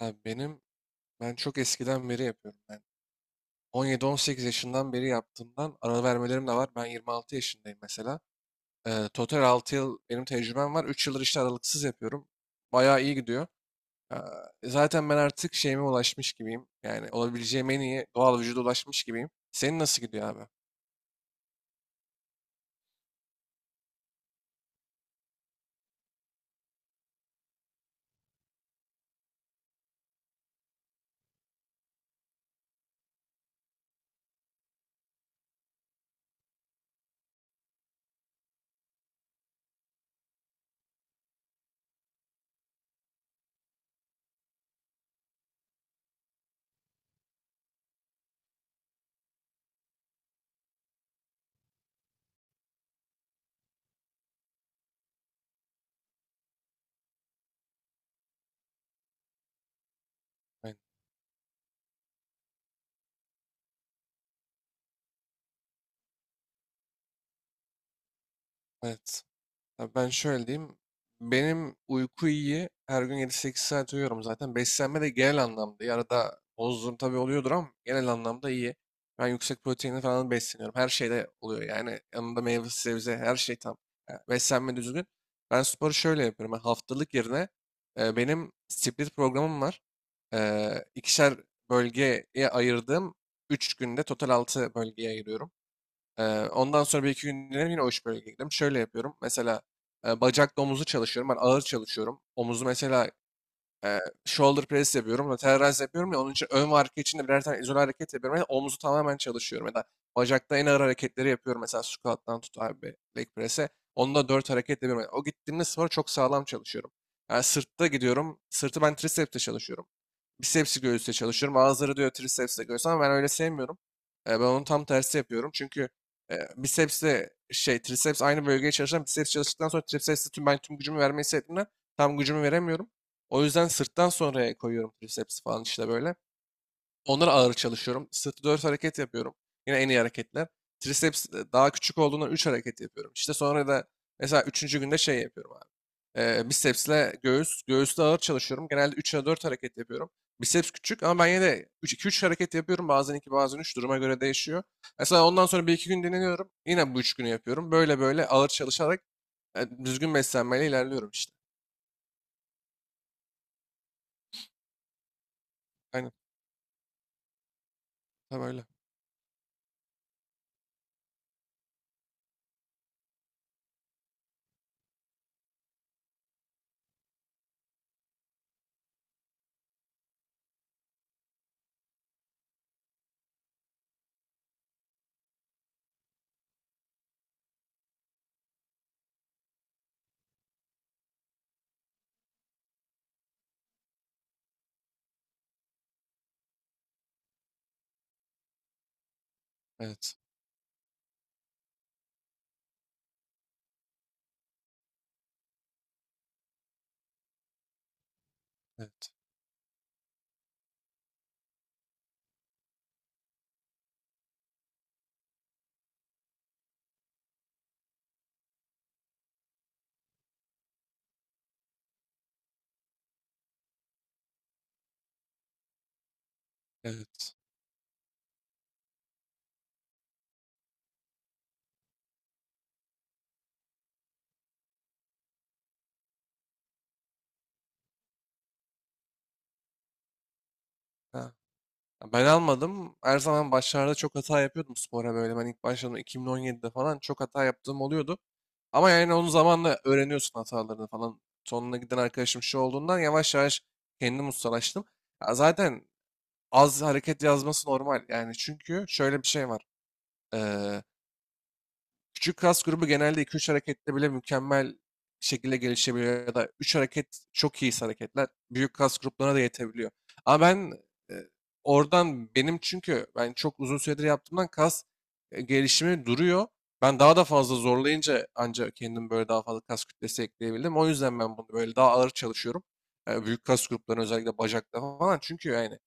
Abi ben çok eskiden beri yapıyorum. Ben 17-18 yaşından beri yaptığımdan ara vermelerim de var. Ben 26 yaşındayım mesela. Total 6 yıl benim tecrübem var. Üç yıldır işte aralıksız yapıyorum. Bayağı iyi gidiyor. Ee, Zaten ben artık şeyime ulaşmış gibiyim. Yani olabileceğim en iyi doğal vücuda ulaşmış gibiyim. Senin nasıl gidiyor abi? Ben- Evet. Ya, ben şöyle diyeyim. Benim uyku iyi. Her gün 7-8 saat uyuyorum zaten. Beslenme de genel anlamda iyi. Arada bozduğum tabii oluyordur ama genel anlamda iyi. Ben yüksek proteinli falan besleniyorum. Her şeyde oluyor. Yani yanında meyve, sebze, her şey tam. Yani beslenme düzgün. Ben sporu şöyle yapıyorum. Ben haftalık yerine benim split programım var. E, ikişer bölgeye ayırdığım 3 günde total 6 bölgeye ayırıyorum. Ee, Ondan sonra bir iki gün dinlenip yine o iş bölgeye gidiyorum. Şöyle yapıyorum. Mesela bacakla omuzu çalışıyorum. Ben ağır çalışıyorum. Omuzu mesela e, shoulder press yapıyorum. Lateral raise yapıyorum ya, onun için ön ve arka için de birer tane izole hareket yapıyorum. Yani omuzu tamamen çalışıyorum. Ya da bacakta en ağır hareketleri yapıyorum. Mesela squat'tan tut abi leg press'e. Onda dört hareket yapıyorum. Yani o gittiğimde spora çok sağlam çalışıyorum. Yani sırtta gidiyorum. Sırtı ben tricep'te çalışıyorum. Bicepsi göğüsle çalışıyorum. Bazıları diyor tricepsle göğüs ama ben öyle sevmiyorum. Ben onun tam tersi yapıyorum. Çünkü bicepsle şey triceps aynı bölgeye çalışan biceps çalıştıktan sonra tricepsle tüm tüm gücümü vermeyi istediğimden tam gücümü veremiyorum. O yüzden sırttan sonraya koyuyorum tricepsi falan işte böyle. Onlara ağır çalışıyorum. Sırtı 4 hareket yapıyorum. Yine en iyi hareketler. Triceps daha küçük olduğundan 3 hareket yapıyorum. İşte sonra da mesela üçüncü günde şey yapıyorum abi. Bicepsle göğüs. Göğüste ağır çalışıyorum. Genelde 3'e 4 hareket yapıyorum. Biceps küçük ama ben yine de 2-3 hareket yapıyorum. Bazen 2, bazen üç, duruma göre değişiyor. Mesela ondan sonra bir iki gün dinleniyorum. Yine bu 3 günü yapıyorum. Böyle böyle ağır çalışarak düzgün beslenmeyle ilerliyorum işte. Aynen. Tam öyle. Evet. Evet. Evet. Ha. Ya, ben almadım. Her zaman başlarda çok hata yapıyordum spora böyle. Ben ilk başladığımda 2017'de falan çok hata yaptığım oluyordu. Ama yani onun zamanla öğreniyorsun hatalarını falan. Sonuna giden arkadaşım şu olduğundan yavaş yavaş kendimi ustalaştım. Ya zaten az hareket yazması normal. Yani çünkü şöyle bir şey var. Küçük kas grubu genelde iki üç harekette bile mükemmel şekilde gelişebiliyor ya da 3 hareket çok iyi hareketler büyük kas gruplarına da yetebiliyor. Ama ben e, oradan benim çünkü ben çok uzun süredir yaptığımdan kas gelişimi duruyor. Ben daha da fazla zorlayınca ancak kendim böyle daha fazla kas kütlesi ekleyebildim. O yüzden ben bunu böyle daha ağır çalışıyorum. E, büyük kas gruplarına özellikle bacakta falan. Çünkü yani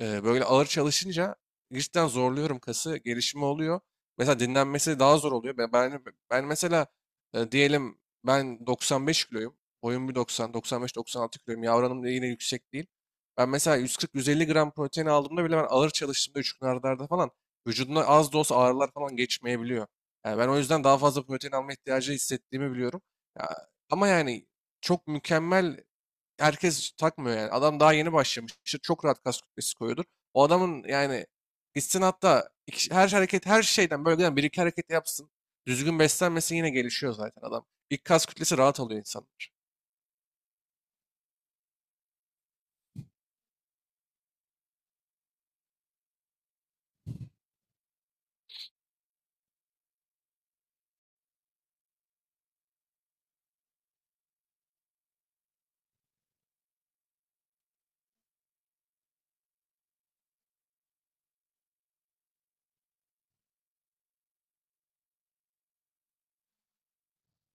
Böyle ağır çalışınca cidden zorluyorum kası, gelişimi oluyor. Mesela dinlenmesi daha zor oluyor. Ben mesela diyelim ben 95 kiloyum. Boyum 1,90, 95-96 kiloyum. Yavranım da yine yüksek değil. Ben mesela 140-150 gram protein aldığımda bile ben ağır çalıştığımda 3 gün arda arda falan vücudumda az da olsa ağrılar falan geçmeyebiliyor. Yani ben o yüzden daha fazla protein alma ihtiyacı hissettiğimi biliyorum. Ya, ama yani çok mükemmel herkes takmıyor yani. Adam daha yeni başlamıştır. Çok rahat kas kütlesi koyuyordur. O adamın yani istinatta her hareket her şeyden böyle yani bir iki hareket yapsın. Düzgün beslenmesi yine gelişiyor zaten adam. İlk kas kütlesi rahat alıyor insanlar.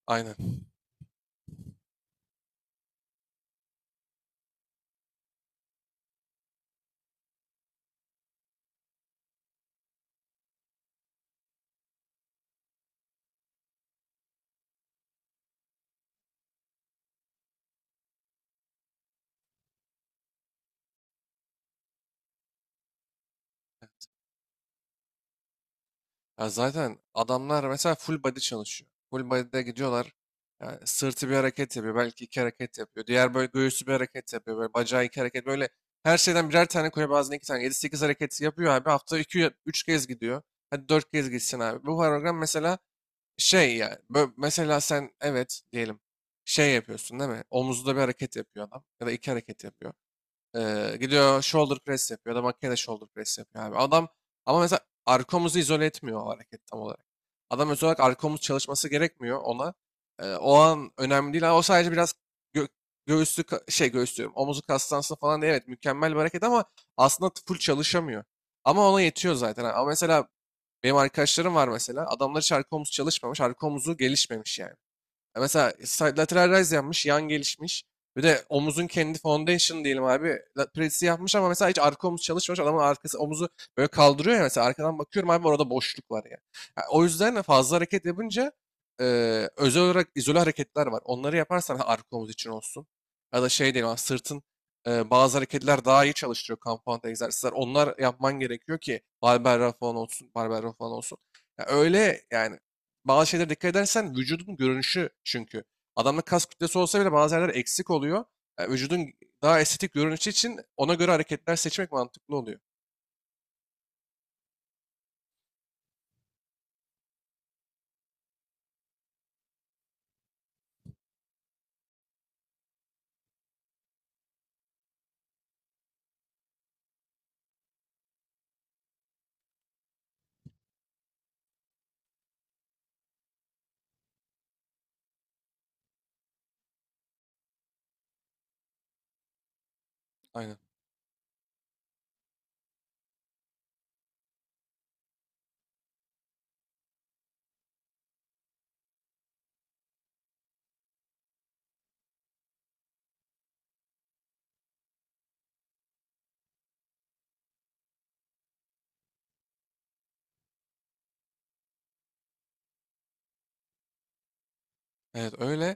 Aynen. Ya zaten adamlar mesela full body çalışıyor. Full body'de gidiyorlar. Yani sırtı bir hareket yapıyor. Belki iki hareket yapıyor. Diğer böyle göğüsü bir hareket yapıyor. Böyle bacağı iki hareket. Böyle her şeyden birer tane koyuyor. Bazen iki tane. Yedi sekiz hareketi yapıyor abi. Hafta iki üç kez gidiyor. Hadi 4 kez gitsin abi. Bu program mesela şey yani. Mesela sen evet diyelim şey yapıyorsun değil mi? Omuzda bir hareket yapıyor adam. Ya da iki hareket yapıyor. Gidiyor shoulder press yapıyor ya da makineyle shoulder press yapıyor abi. Adam ama mesela arkomuzu izole etmiyor o hareket tam olarak. Adam özel olarak arkomuz çalışması gerekmiyor ona. O an önemli değil. O sadece biraz gö şey göğüs diyorum. Omuzu kastansın falan diye evet mükemmel bir hareket ama aslında full çalışamıyor. Ama ona yetiyor zaten. Ama mesela benim arkadaşlarım var mesela. Adamlar hiç arka omuz çalışmamış. Arka omuzu gelişmemiş yani. Mesela side lateral raise yapmış, yan gelişmiş. Bir de omuzun kendi foundation diyelim abi. Presi yapmış ama mesela hiç arka omuz çalışmamış. Adamın arkası omuzu böyle kaldırıyor ya, mesela arkadan bakıyorum abi orada boşluk var ya. Ha, o yüzden de fazla hareket yapınca e, özel olarak izole hareketler var. Onları yaparsan ha, arka omuz için olsun. Ya da şey diyelim abi, sırtın bazı hareketler daha iyi çalıştırıyor compound egzersizler. Onlar yapman gerekiyor ki barbell raw falan olsun, barbell row falan olsun. Ya öyle yani bazı şeylere dikkat edersen vücudun görünüşü çünkü. Adamda kas kütlesi olsa bile bazı yerler eksik oluyor. Vücudun daha estetik görünüşü için ona göre hareketler seçmek mantıklı oluyor. Aynen. Evet öyle.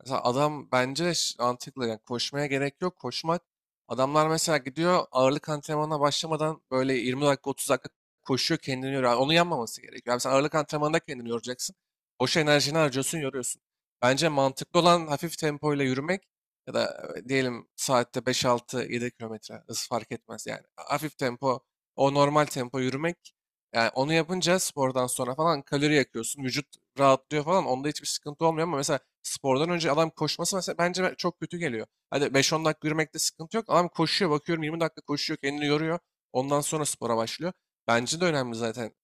Mesela adam bence de mantıklı. Yani koşmaya gerek yok. Koşmak. Adamlar mesela gidiyor ağırlık antrenmanına başlamadan böyle 20 dakika 30 dakika koşuyor kendini yoruyor. Yani onu yanmaması gerekiyor. Yani sen ağırlık antrenmanında kendini yoracaksın. Boş enerjini harcıyorsun yoruyorsun. Bence mantıklı olan hafif tempoyla yürümek ya da diyelim saatte 5-6-7 kilometre hız fark etmez yani. Hafif tempo o normal tempo yürümek yani onu yapınca spordan sonra falan kalori yakıyorsun. Vücut rahatlıyor falan. Onda hiçbir sıkıntı olmuyor ama mesela spordan önce adam koşması mesela bence çok kötü geliyor. Hadi 5-10 dakika yürümekte sıkıntı yok. Adam koşuyor bakıyorum 20 dakika koşuyor kendini yoruyor. Ondan sonra spora başlıyor. Bence de önemli zaten.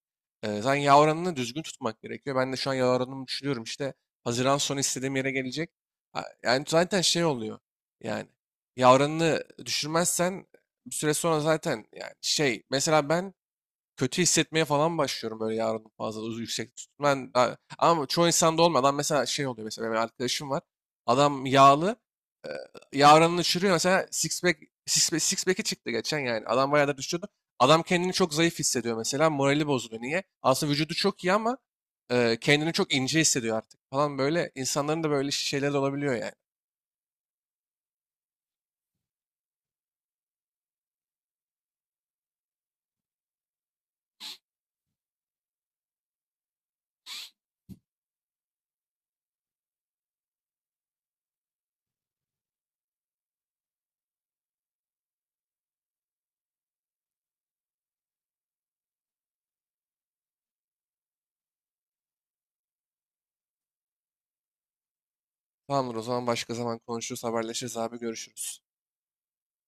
Zaten yağ oranını düzgün tutmak gerekiyor. Ben de şu an yağ oranımı düşünüyorum. İşte Haziran sonu istediğim yere gelecek. Ha, yani zaten şey oluyor. Yani yağ oranını düşürmezsen bir süre sonra zaten yani şey mesela ben kötü hissetmeye falan başlıyorum böyle yarın fazla yüksek tuttum. Ama çoğu insanda olmadan mesela şey oluyor mesela benim arkadaşım var. Adam yağlı e, yarınını uçuruyor mesela six pack, six pack'i çıktı geçen yani. Adam bayağı da düşüyordu. Adam kendini çok zayıf hissediyor mesela morali bozuluyor. Niye? Aslında vücudu çok iyi ama kendini çok ince hissediyor artık falan böyle. İnsanların da böyle şeyler de olabiliyor yani. Tamamdır, o zaman başka zaman konuşuruz, haberleşiriz abi, görüşürüz.